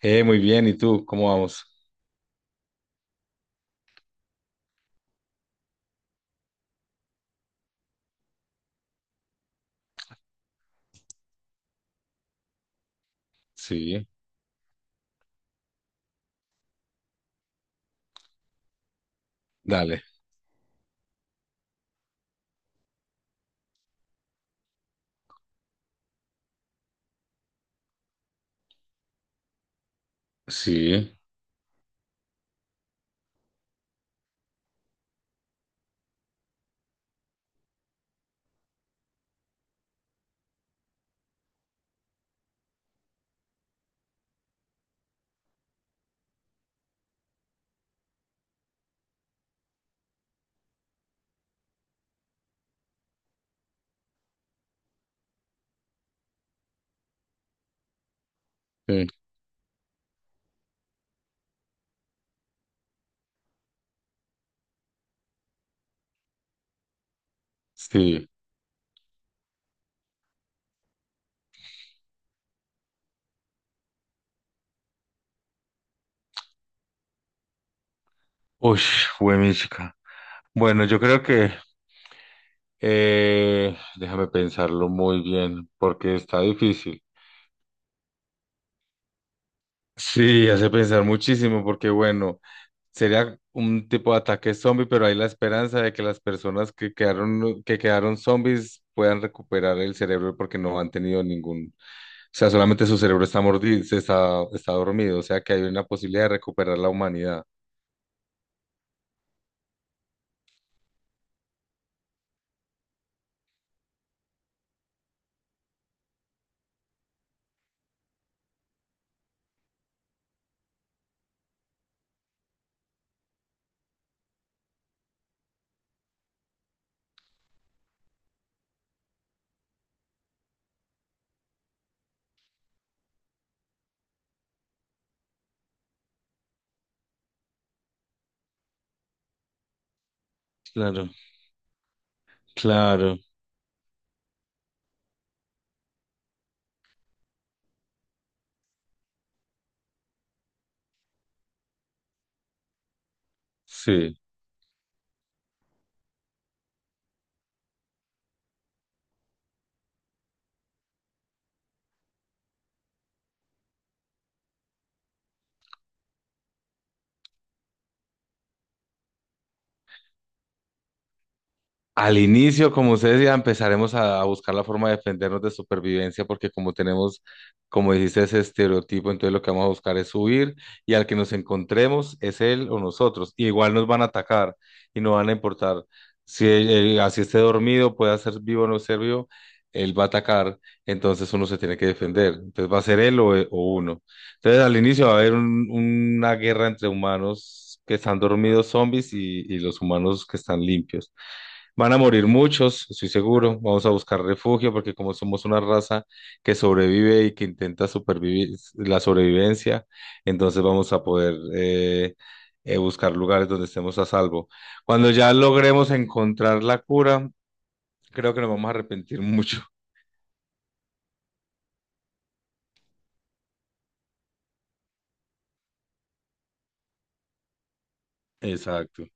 Muy bien, ¿y tú? ¿Cómo vamos? Sí, dale. Sí, sí, sí. Uy, chica. Bueno, yo creo que déjame pensarlo muy bien porque está difícil. Sí, hace pensar muchísimo porque bueno, sería un tipo de ataque zombie, pero hay la esperanza de que las personas que quedaron zombies puedan recuperar el cerebro porque no han tenido ningún. O sea, solamente su cerebro está mordido, se está, está dormido, o sea que hay una posibilidad de recuperar la humanidad. Claro, claro. Sí. Al inicio, como ustedes ya empezaremos a buscar la forma de defendernos de supervivencia, porque como tenemos, como dijiste, ese estereotipo, entonces lo que vamos a buscar es huir y al que nos encontremos es él o nosotros. Y igual nos van a atacar y no van a importar si así esté dormido, pueda ser vivo o no ser vivo, él va a atacar, entonces uno se tiene que defender. Entonces va a ser él o uno. Entonces al inicio va a haber una guerra entre humanos que están dormidos, zombies y los humanos que están limpios. Van a morir muchos, estoy seguro. Vamos a buscar refugio porque como somos una raza que sobrevive y que intenta supervivir la sobrevivencia, entonces vamos a poder buscar lugares donde estemos a salvo. Cuando ya logremos encontrar la cura, creo que nos vamos a arrepentir mucho. Exacto.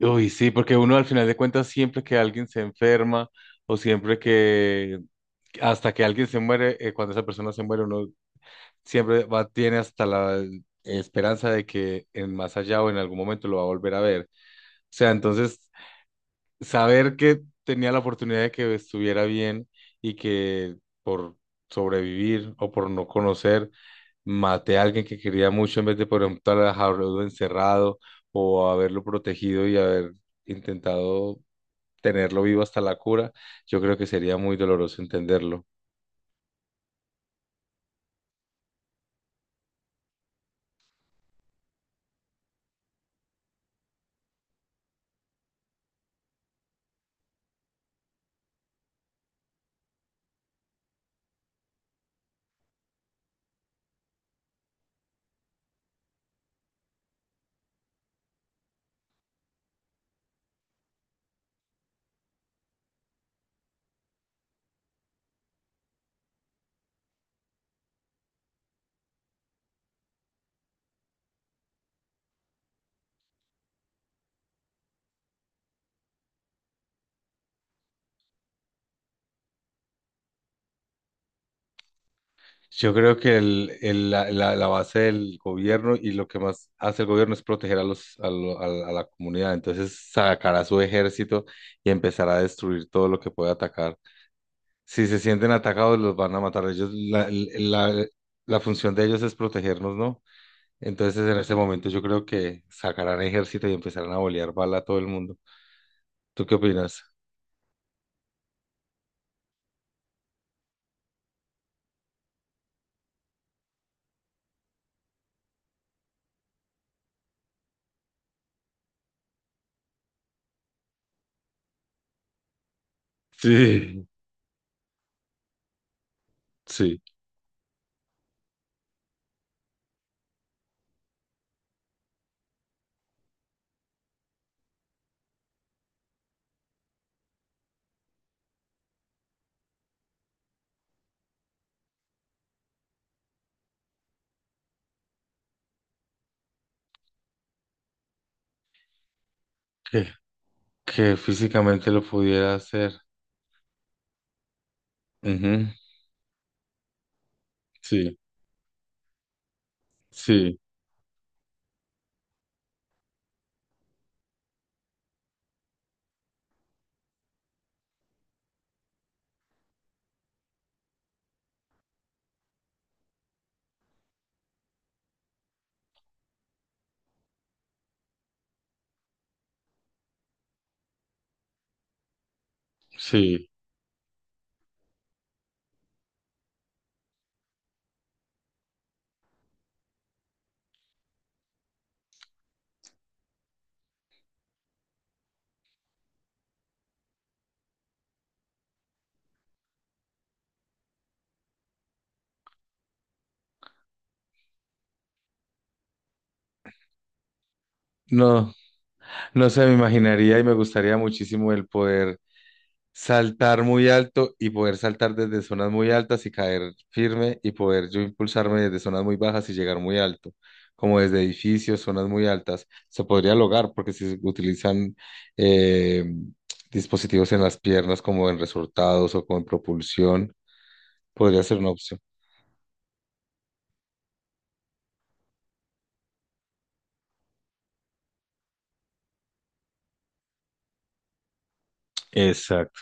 Uy, sí, porque uno al final de cuentas siempre que alguien se enferma o siempre que hasta que alguien se muere, cuando esa persona se muere, uno siempre va, tiene hasta la esperanza de que en más allá o en algún momento lo va a volver a ver. O sea, entonces, saber que tenía la oportunidad de que estuviera bien y que por sobrevivir o por no conocer, maté a alguien que quería mucho en vez de, por ejemplo, haberlo encerrado o haberlo protegido y haber intentado tenerlo vivo hasta la cura, yo creo que sería muy doloroso entenderlo. Yo creo que la, la base del gobierno y lo que más hace el gobierno es proteger a los, a, lo- a la comunidad. Entonces sacará su ejército y empezará a destruir todo lo que pueda atacar. Si se sienten atacados, los van a matar. Ellos, la función de ellos es protegernos, ¿no? Entonces en ese momento yo creo que sacarán ejército y empezarán a bolear bala a todo el mundo. ¿Tú qué opinas? Sí, sí, que, que físicamente lo pudiera hacer. Ujú, sí, sí. Sí, no, no se me imaginaría y me gustaría muchísimo el poder saltar muy alto y poder saltar desde zonas muy altas y caer firme y poder yo impulsarme desde zonas muy bajas y llegar muy alto, como desde edificios, zonas muy altas. Se podría lograr porque si se utilizan eh, dispositivos en las piernas como en resultados o con propulsión, podría ser una opción. Exacto,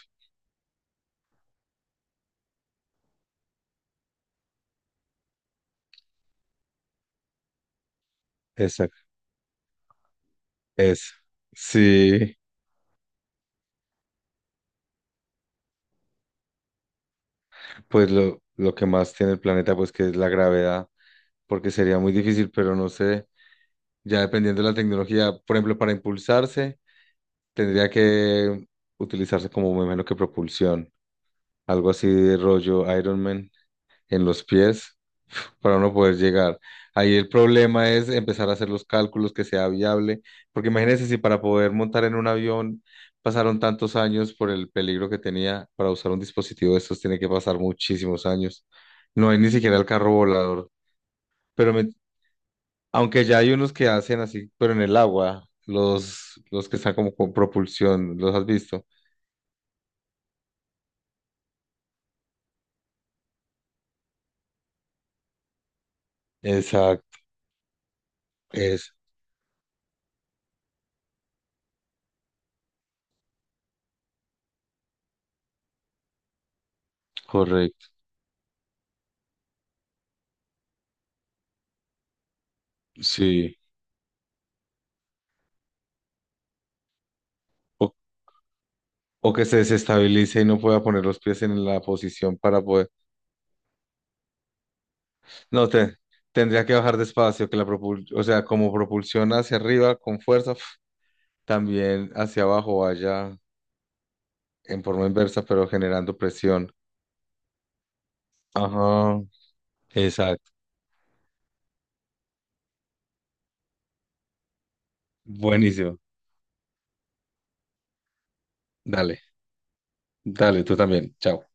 exacto, eso. Sí, pues lo que más tiene el planeta, pues que es la gravedad. Porque sería muy difícil, pero no sé, ya dependiendo de la tecnología, por ejemplo, para impulsarse, tendría que utilizarse como me imagino que propulsión, algo así de rollo Iron Man en los pies para uno poder llegar. Ahí el problema es empezar a hacer los cálculos que sea viable, porque imagínense si para poder montar en un avión pasaron tantos años por el peligro que tenía, para usar un dispositivo de estos tiene que pasar muchísimos años. No hay ni siquiera el carro volador. Pero me, Aunque ya hay unos que hacen así, pero en el agua, los que están como con propulsión, ¿los has visto? Exacto, es correcto, sí. O, o que se desestabilice y no pueda poner los pies en la posición para poder. No, te, Tendría que bajar despacio, que o sea, como propulsión hacia arriba con fuerza, pf, también hacia abajo vaya en forma inversa, pero generando presión. Ajá, exacto. Buenísimo. Dale, dale, tú también. Chao.